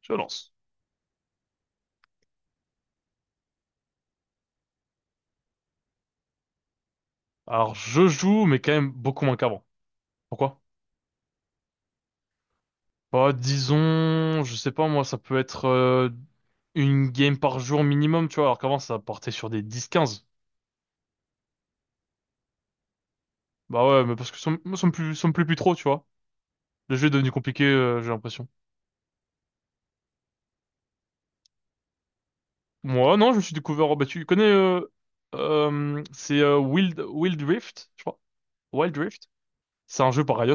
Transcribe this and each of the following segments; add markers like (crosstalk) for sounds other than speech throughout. Je lance. Alors, je joue, mais quand même beaucoup moins qu'avant. Pourquoi? Bah, disons, je sais pas, moi, ça peut être une game par jour minimum, tu vois, alors qu'avant, ça portait sur des 10-15. Bah ouais, mais parce que ça me plaît plus, ça me plaît plus trop, tu vois. Le jeu est devenu compliqué, j'ai l'impression. Moi, non, je me suis découvert, oh, bah, tu connais, c'est Wild Rift, je crois. Wild Rift. C'est un jeu par Riot.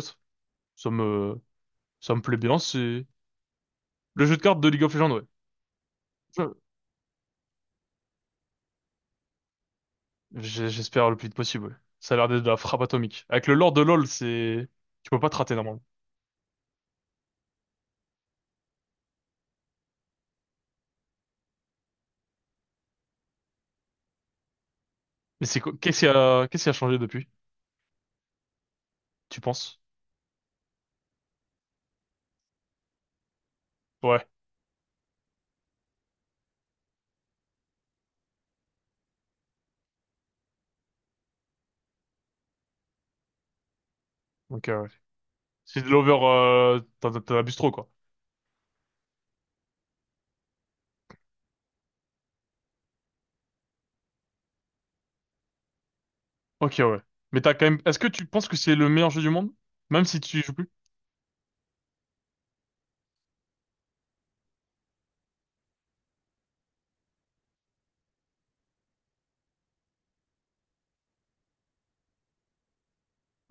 Ça me, ça me plaît bien, c'est le jeu de cartes de League of Legends, ouais. J'espère le plus vite possible. Ouais. Ça a l'air d'être de la frappe atomique. Avec le lore de LoL, c'est... Tu peux pas te rater normalement. Mais qu'est-ce qui a changé depuis, tu penses? Ouais. Ok, ouais. C'est de l'over... T'en abuses trop, quoi. Ok, ouais. Mais t'as quand même... Est-ce que tu penses que c'est le meilleur jeu du monde? Même si tu y joues plus?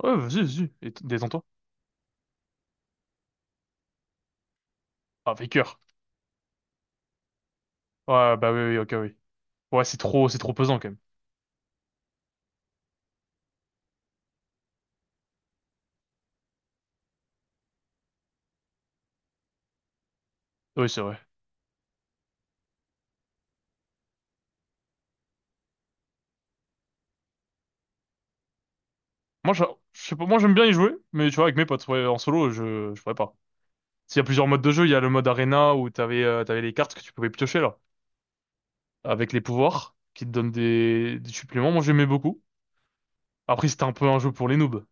Ouais, vas-y, vas-y. Et détends-toi. Ah, Faker. Ouais, bah oui, oui, ok, oui. Ouais, c'est trop pesant, quand même. Oui, c'est vrai. Moi, je sais pas... Moi, j'aime bien y jouer, mais tu vois, avec mes potes, ouais, en solo, je pourrais pas. Il y a plusieurs modes de jeu. Il y a le mode arena où t'avais les cartes que tu pouvais piocher là, avec les pouvoirs qui te donnent des suppléments. Moi, j'aimais beaucoup. Après, c'était un peu un jeu pour les noobs.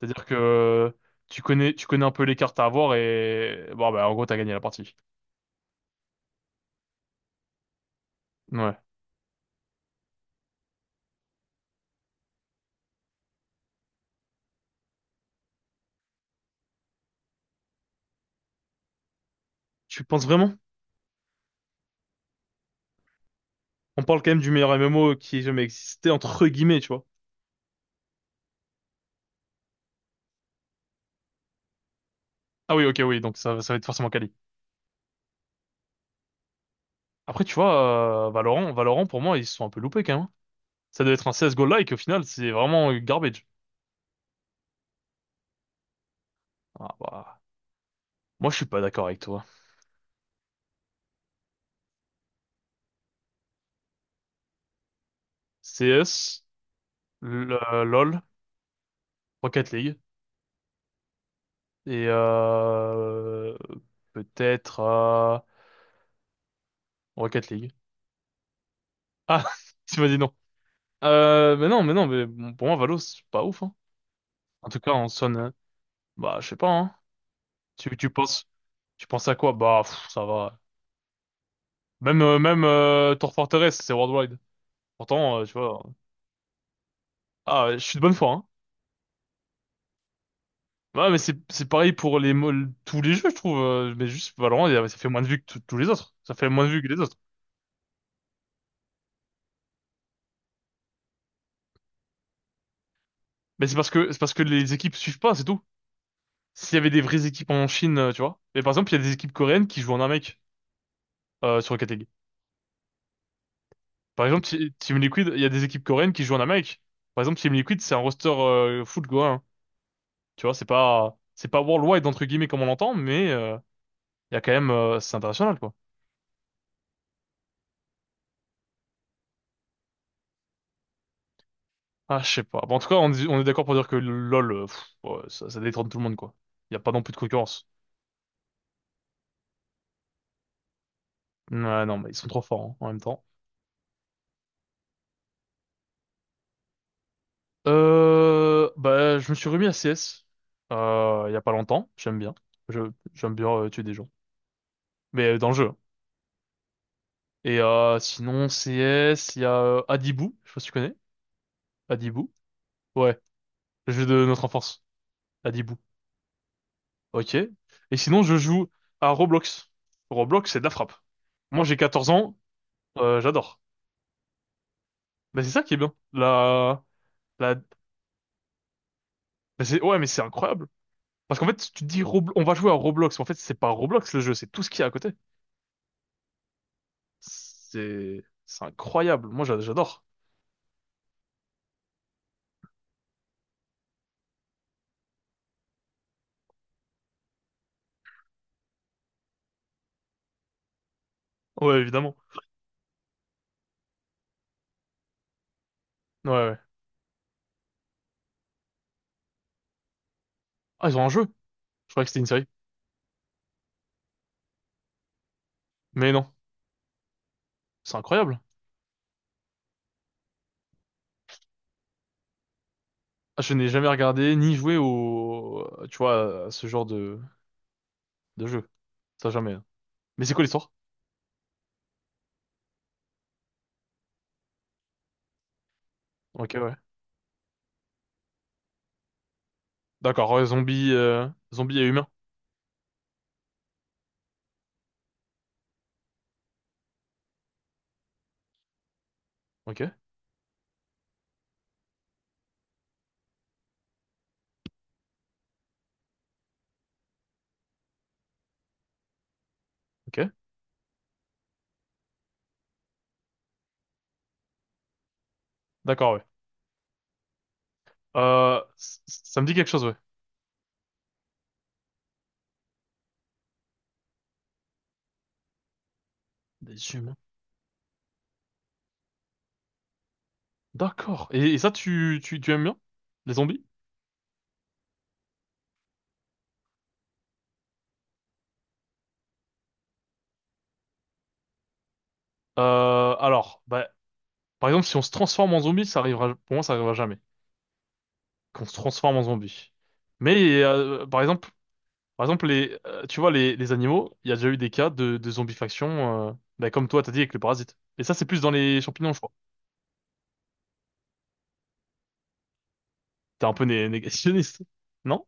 C'est-à-dire que tu connais un peu les cartes à avoir et bon bah en gros t'as gagné la partie. Ouais. Tu penses vraiment? On parle quand même du meilleur MMO qui ait jamais existé entre guillemets, tu vois. Ah oui, ok, oui, donc ça va être forcément quali. Après, tu vois, Valorant, Valorant pour moi ils se sont un peu loupés quand même, hein. Ça doit être un CS:GO like au final, c'est vraiment garbage. Ah, bah, moi je suis pas d'accord avec toi. CS, LOL, Rocket League et peut-être Rocket League. Ah, (laughs) tu m'as dit non. Mais non, mais non, mais bon, pour moi Valo c'est pas ouf, hein. En tout cas, on sonne. Bah, je sais pas, hein. Tu tu penses tu penses à quoi? Bah, pff, ça va. Même Tour Fortress, c'est worldwide. Pourtant, tu vois. Ah, je suis de bonne foi, hein. Ouais, mais c'est pareil pour les tous les jeux, je trouve. Mais juste Valorant, ça fait moins de vues que tous les autres. Ça fait moins de vues que les autres. Mais c'est parce que les équipes suivent pas, c'est tout. S'il y avait des vraies équipes en Chine, tu vois. Mais par exemple, il y a des équipes coréennes qui jouent en Amérique sur Rocket League. Par exemple, Team Liquid, il y a des équipes coréennes qui jouent en Amérique. Par exemple, Team Liquid, c'est un roster foot coréen. Tu vois, c'est pas worldwide entre guillemets comme on l'entend, mais il y a quand même c'est international quoi. Ah, je sais pas. Bon, en tout cas, on est d'accord pour dire que LoL, pff, ouais, ça détrône tout le monde quoi. Il y a pas non plus de concurrence. Ouais, non, mais ils sont trop forts, hein, en même temps. Bah, je me suis remis à CS il y a pas longtemps. J'aime bien. Je j'aime bien tuer des gens, mais dans le jeu, hein. Et sinon CS, il y a Adibou. Je sais pas si tu connais. Adibou. Ouais, le jeu de notre enfance. Adibou. Ok. Et sinon, je joue à Roblox. Roblox, c'est de la frappe. Moi, j'ai 14 ans. J'adore. Mais c'est ça qui est bien. La la. Mais c'est ouais, mais c'est incroyable. Parce qu'en fait, tu te dis on va jouer à Roblox. Mais en fait, c'est pas Roblox le jeu, c'est tout ce qu'il y a à côté. C'est incroyable. Moi, j'adore. Ouais, évidemment. Ouais, ouais. Ah, ils ont un jeu. Je croyais que c'était une série. Mais non, c'est incroyable. Ah, je n'ai jamais regardé ni joué au, tu vois, à ce genre de jeu. Ça jamais, hein. Mais c'est quoi l'histoire? Ok, ouais. D'accord, ouais, zombie, zombie et humain. Ok, ok. D'accord, ouais. Ça me dit quelque chose, ouais. Des humains. D'accord. Et ça, tu aimes bien? Les zombies? Alors, bah, par exemple, si on se transforme en zombie, ça arrivera, pour moi, ça arrivera jamais. Qu'on se transforme en zombie. Mais par exemple tu vois, les animaux, il y a déjà eu des cas de zombifaction, bah, comme toi, t'as dit avec le parasite. Et ça, c'est plus dans les champignons, je crois. T'es un peu négationniste, (laughs) non?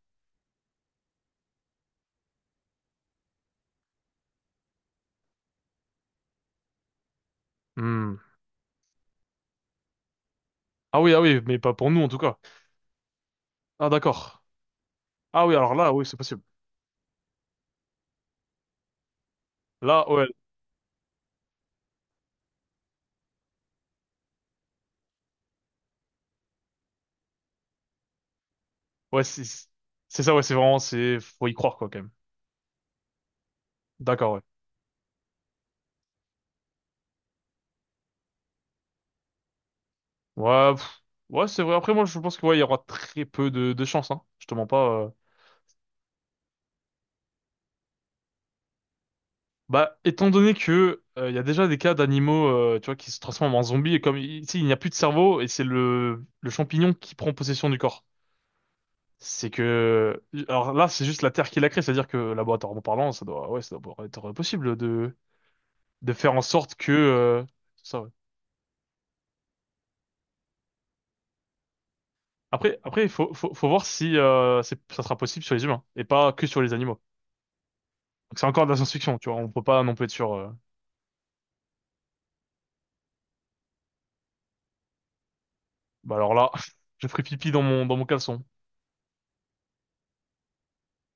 Hmm. Ah oui, ah oui, mais pas pour nous en tout cas. Ah d'accord. Ah oui, alors là, oui, c'est possible. Là, ouais, ouais, c'est ça, ouais, c'est faut y croire quoi, quand même. D'accord, ouais. Ouais, pff, ouais, c'est vrai. Après, moi, je pense que ouais, il y aura très peu de chance, hein. Je te mens pas. Bah, étant donné que il y a déjà des cas d'animaux, tu vois, qui se transforment en zombies et comme ici il n'y a plus de cerveau et c'est le champignon qui prend possession du corps. C'est que alors là c'est juste la Terre qui l'a créé, c'est-à-dire que laboratoirement parlant, ça doit pouvoir être possible de faire en sorte que ça. Ouais. Après il faut voir si c'est ça sera possible sur les humains et pas que sur les animaux. Donc c'est encore de la science-fiction, tu vois, on peut pas non plus être sûr. Bah alors là, (laughs) je ferai pipi dans mon caleçon.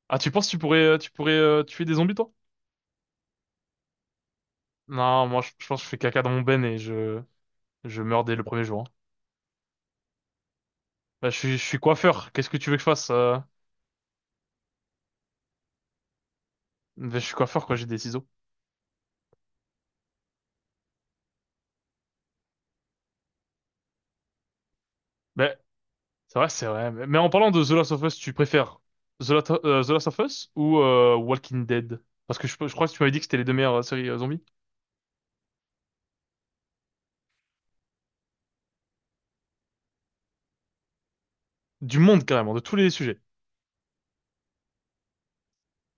Ah tu penses que tu pourrais tuer des zombies toi? Non, moi je pense que je fais caca dans mon ben et je meurs dès le premier jour, hein. Bah, je suis coiffeur, qu'est-ce que tu veux que je fasse? Bah, je suis coiffeur, quoi, j'ai des ciseaux. Mais c'est vrai, c'est vrai. Mais en parlant de The Last of Us, tu préfères The Last of Us ou Walking Dead? Parce que je crois que tu m'avais dit que c'était les deux meilleures séries zombies. Du monde, carrément, de tous les sujets.